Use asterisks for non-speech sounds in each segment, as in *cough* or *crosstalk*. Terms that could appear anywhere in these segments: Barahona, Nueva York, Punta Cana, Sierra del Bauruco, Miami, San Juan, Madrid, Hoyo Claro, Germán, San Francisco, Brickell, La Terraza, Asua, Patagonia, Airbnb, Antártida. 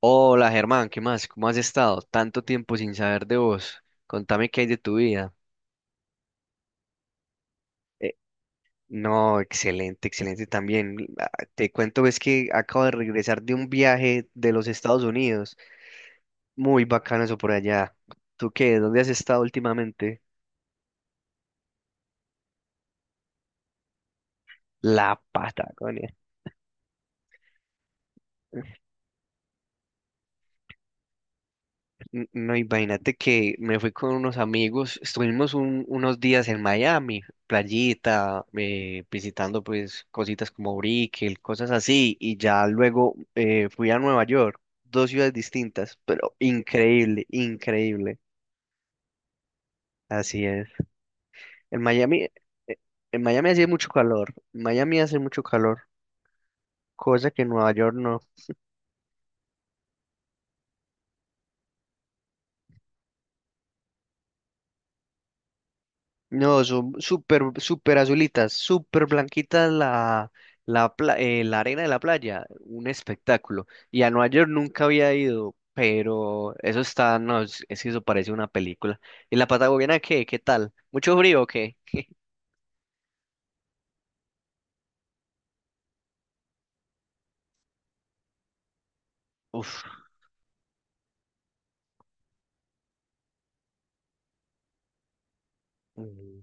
Hola Germán, ¿qué más? ¿Cómo has estado? Tanto tiempo sin saber de vos. Contame qué hay de tu vida. Eh, no, excelente, excelente también. Ah, te cuento, es que acabo de regresar de un viaje de los Estados Unidos. Muy bacano eso por allá. ¿Tú qué? ¿Dónde has estado últimamente? La Patagonia. No, imagínate que me fui con unos amigos, estuvimos unos días en Miami, playita, visitando pues cositas como Brickell, cosas así, y ya luego fui a Nueva York, dos ciudades distintas, pero increíble, increíble, así es. En Miami, eh, en Miami hacía mucho calor, en Miami hace mucho calor, cosa que en Nueva York no. No, son súper, súper azulitas, súper blanquitas la arena de la playa, un espectáculo. Y a Nueva York nunca había ido, pero eso está, no, es que eso parece una película. ¿Y la Patagonia qué? ¿Qué tal? ¿Mucho frío o qué? Uf, mm,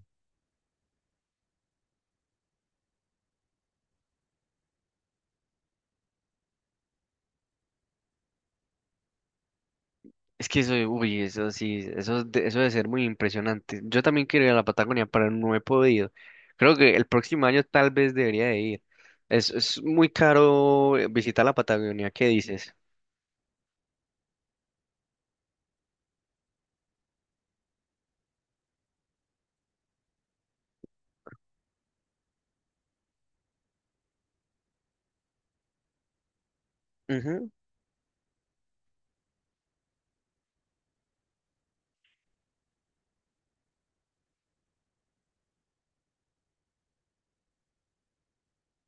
es que eso, uy, eso sí, eso, eso debe ser muy impresionante. Yo también quiero ir a la Patagonia, pero no he podido. Creo que el próximo año tal vez debería de ir. Es muy caro, visitar la Patagonia, ¿qué dices? Ujú.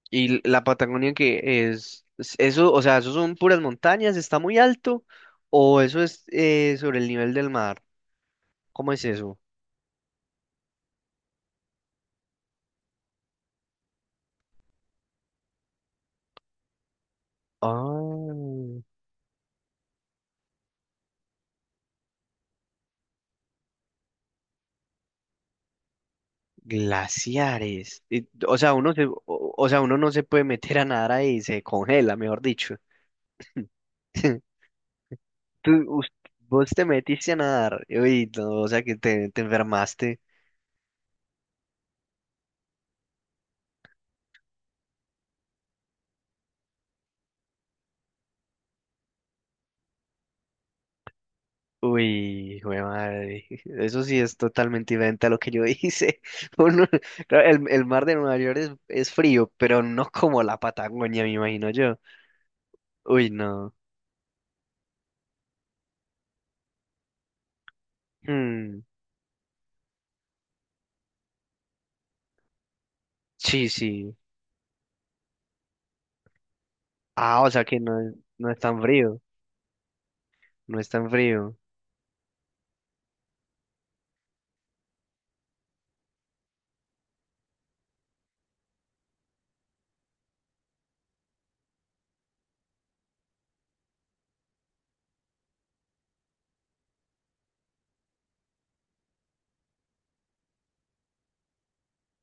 Y la Patagonia que es, eso, o sea, eso son puras montañas, está muy alto, o eso es, sobre el nivel del mar. ¿Cómo es eso? Ah, glaciares. Y, o sea, o sea, uno no se puede meter a nadar ahí, se congela, mejor dicho. *laughs* Tú, us- Vos te metiste a nadar, uy, no, o sea que te enfermaste. Uy, güey, madre. Eso sí es totalmente diferente a lo que yo hice. *laughs* Uno- claro, el mar de Nueva York es frío, pero no como la Patagonia, me imagino yo. Uy, no. Hmm, sí, sí. Ah, o sea que no, no es tan frío. No es tan frío.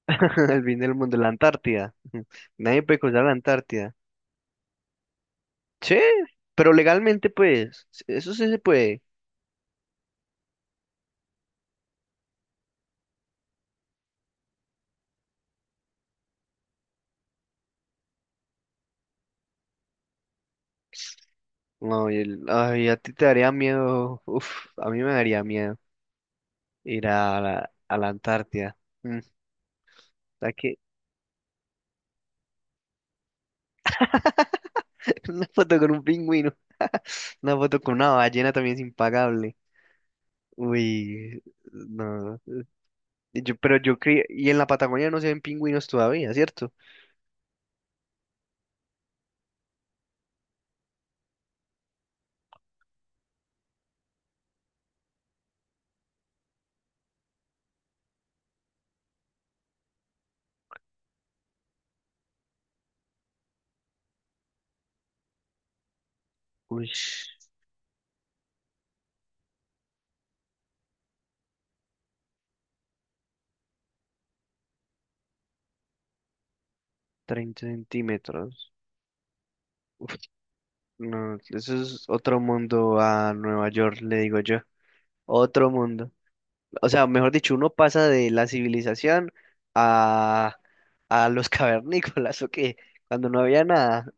*laughs* El fin del mundo, la Antártida. *laughs* Nadie puede cruzar la Antártida. Sí, pero legalmente, pues, eso sí se puede. No, ay, a ti te daría miedo. Uf, a mí me daría miedo. Ir a la Antártida. Mm, aquí, *laughs* una foto con un pingüino. *laughs* Una foto con una ballena también es impagable. Uy, no. Y yo, pero yo creo, y en la Patagonia no se ven pingüinos todavía, ¿cierto? Uy, 30 centímetros. Uf, no, eso es otro mundo a Nueva York, le digo yo. Otro mundo. O sea, mejor dicho, uno pasa de la civilización, a, a los *laughs* cavernícolas, ¿o qué? Cuando no había nada.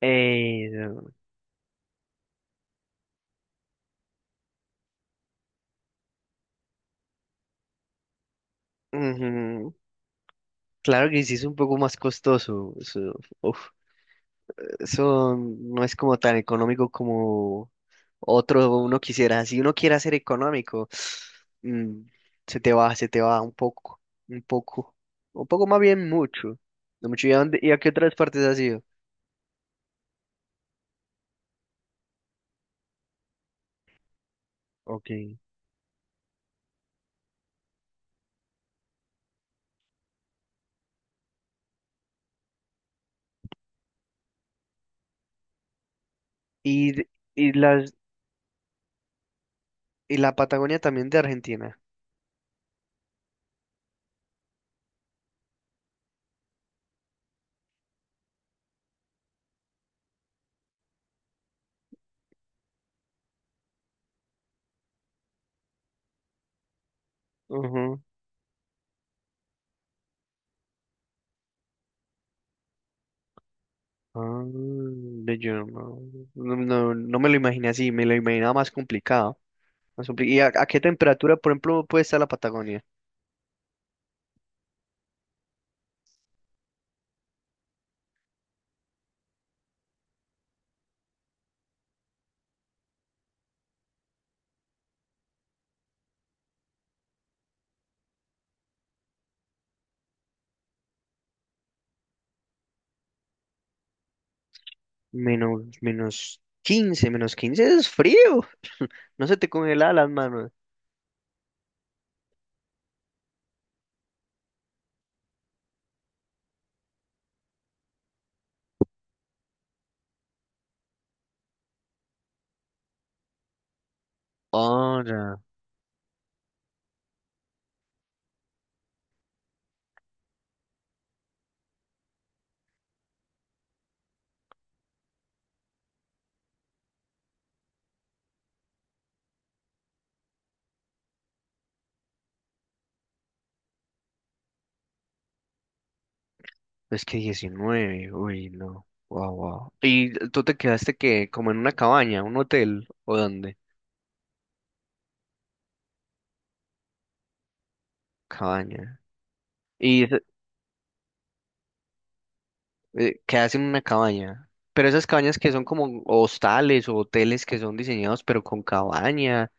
Eh, Ujú. Claro que sí es un poco más costoso. Eso, uf, eso no es como tan económico como otro uno quisiera. Si uno quiere ser económico, *sniffs* mm, se te va un poco, un poco, un poco más bien mucho. No mucho. Y a qué otras partes has ido? Ok. Y, de- y las, y la Patagonia también de Argentina. Ujú. Ah, ve, yo no me lo imaginé así, me lo imaginaba más complicado. ¿Y a qué temperatura, por ejemplo, puede estar la Patagonia? -15 es frío. No se te congela las manos. Ahora, es que 19, uy, no. Wow, wow. ¿Y tú te quedaste que como en una cabaña, un hotel o dónde? Cabaña. Y quedaste en una cabaña. Pero esas cabañas que son como hostales o hoteles que son diseñados pero con cabaña,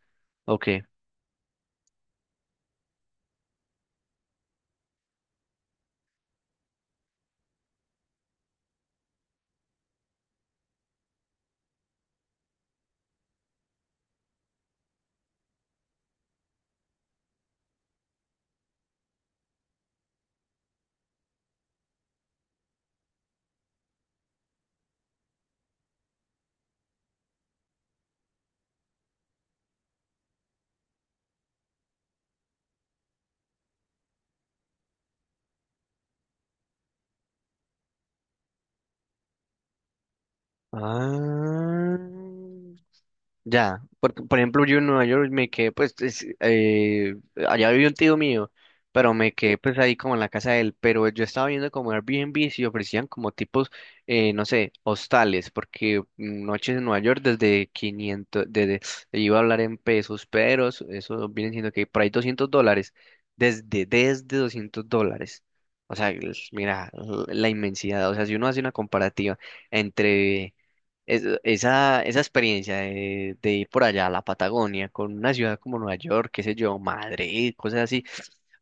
¿o qué? Ah. Ya, por ejemplo, yo en Nueva York me quedé, pues, allá vivió un tío mío, pero me quedé, pues, ahí como en la casa de él, pero yo estaba viendo como Airbnb y ofrecían como tipos, no sé, hostales, porque noches en Nueva York desde quinientos, iba a hablar en pesos, pero eso viene siendo que por ahí US$200, desde US$200. O sea, mira, la inmensidad, o sea, si uno hace una comparativa entre esa experiencia de ir por allá a la Patagonia con una ciudad como Nueva York, qué sé yo, Madrid, cosas así,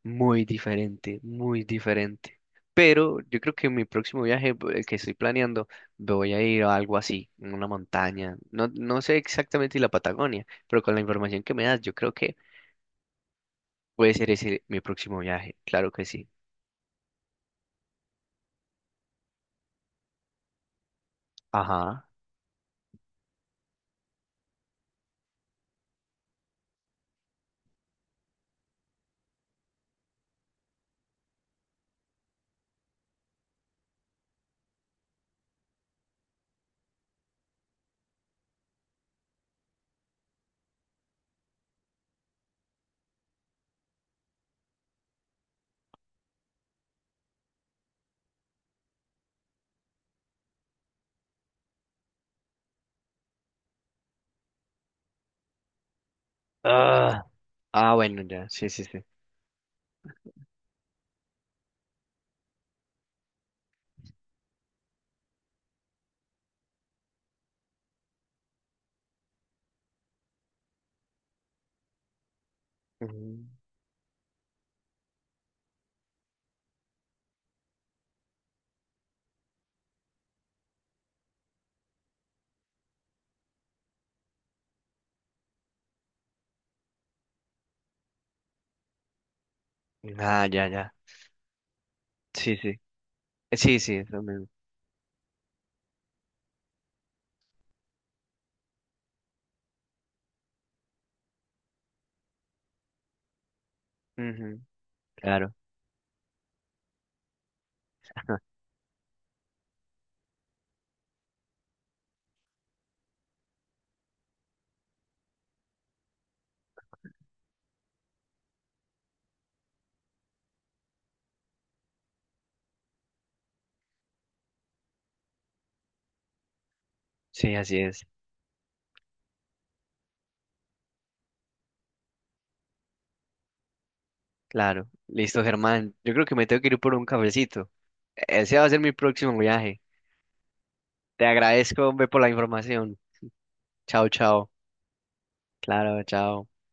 muy diferente, muy diferente. Pero yo creo que en mi próximo viaje, el que estoy planeando, voy a ir a algo así, en una montaña. No, no sé exactamente si la Patagonia, pero con la información que me das, yo creo que puede ser ese mi próximo viaje, claro que sí. Ajá. Ah, ah, bueno, ya, sí, sí, sí. Ujú. Ah, ya, ya. Sí, sí. Sí, sí, eso mismo. Ujú, claro. *laughs* Sí, así es. Claro. Listo, Germán. Yo creo que me tengo que ir por un cafecito. Ese va a ser mi próximo viaje. Te agradezco, hombre, por la información. Chao, chao. Claro, chao.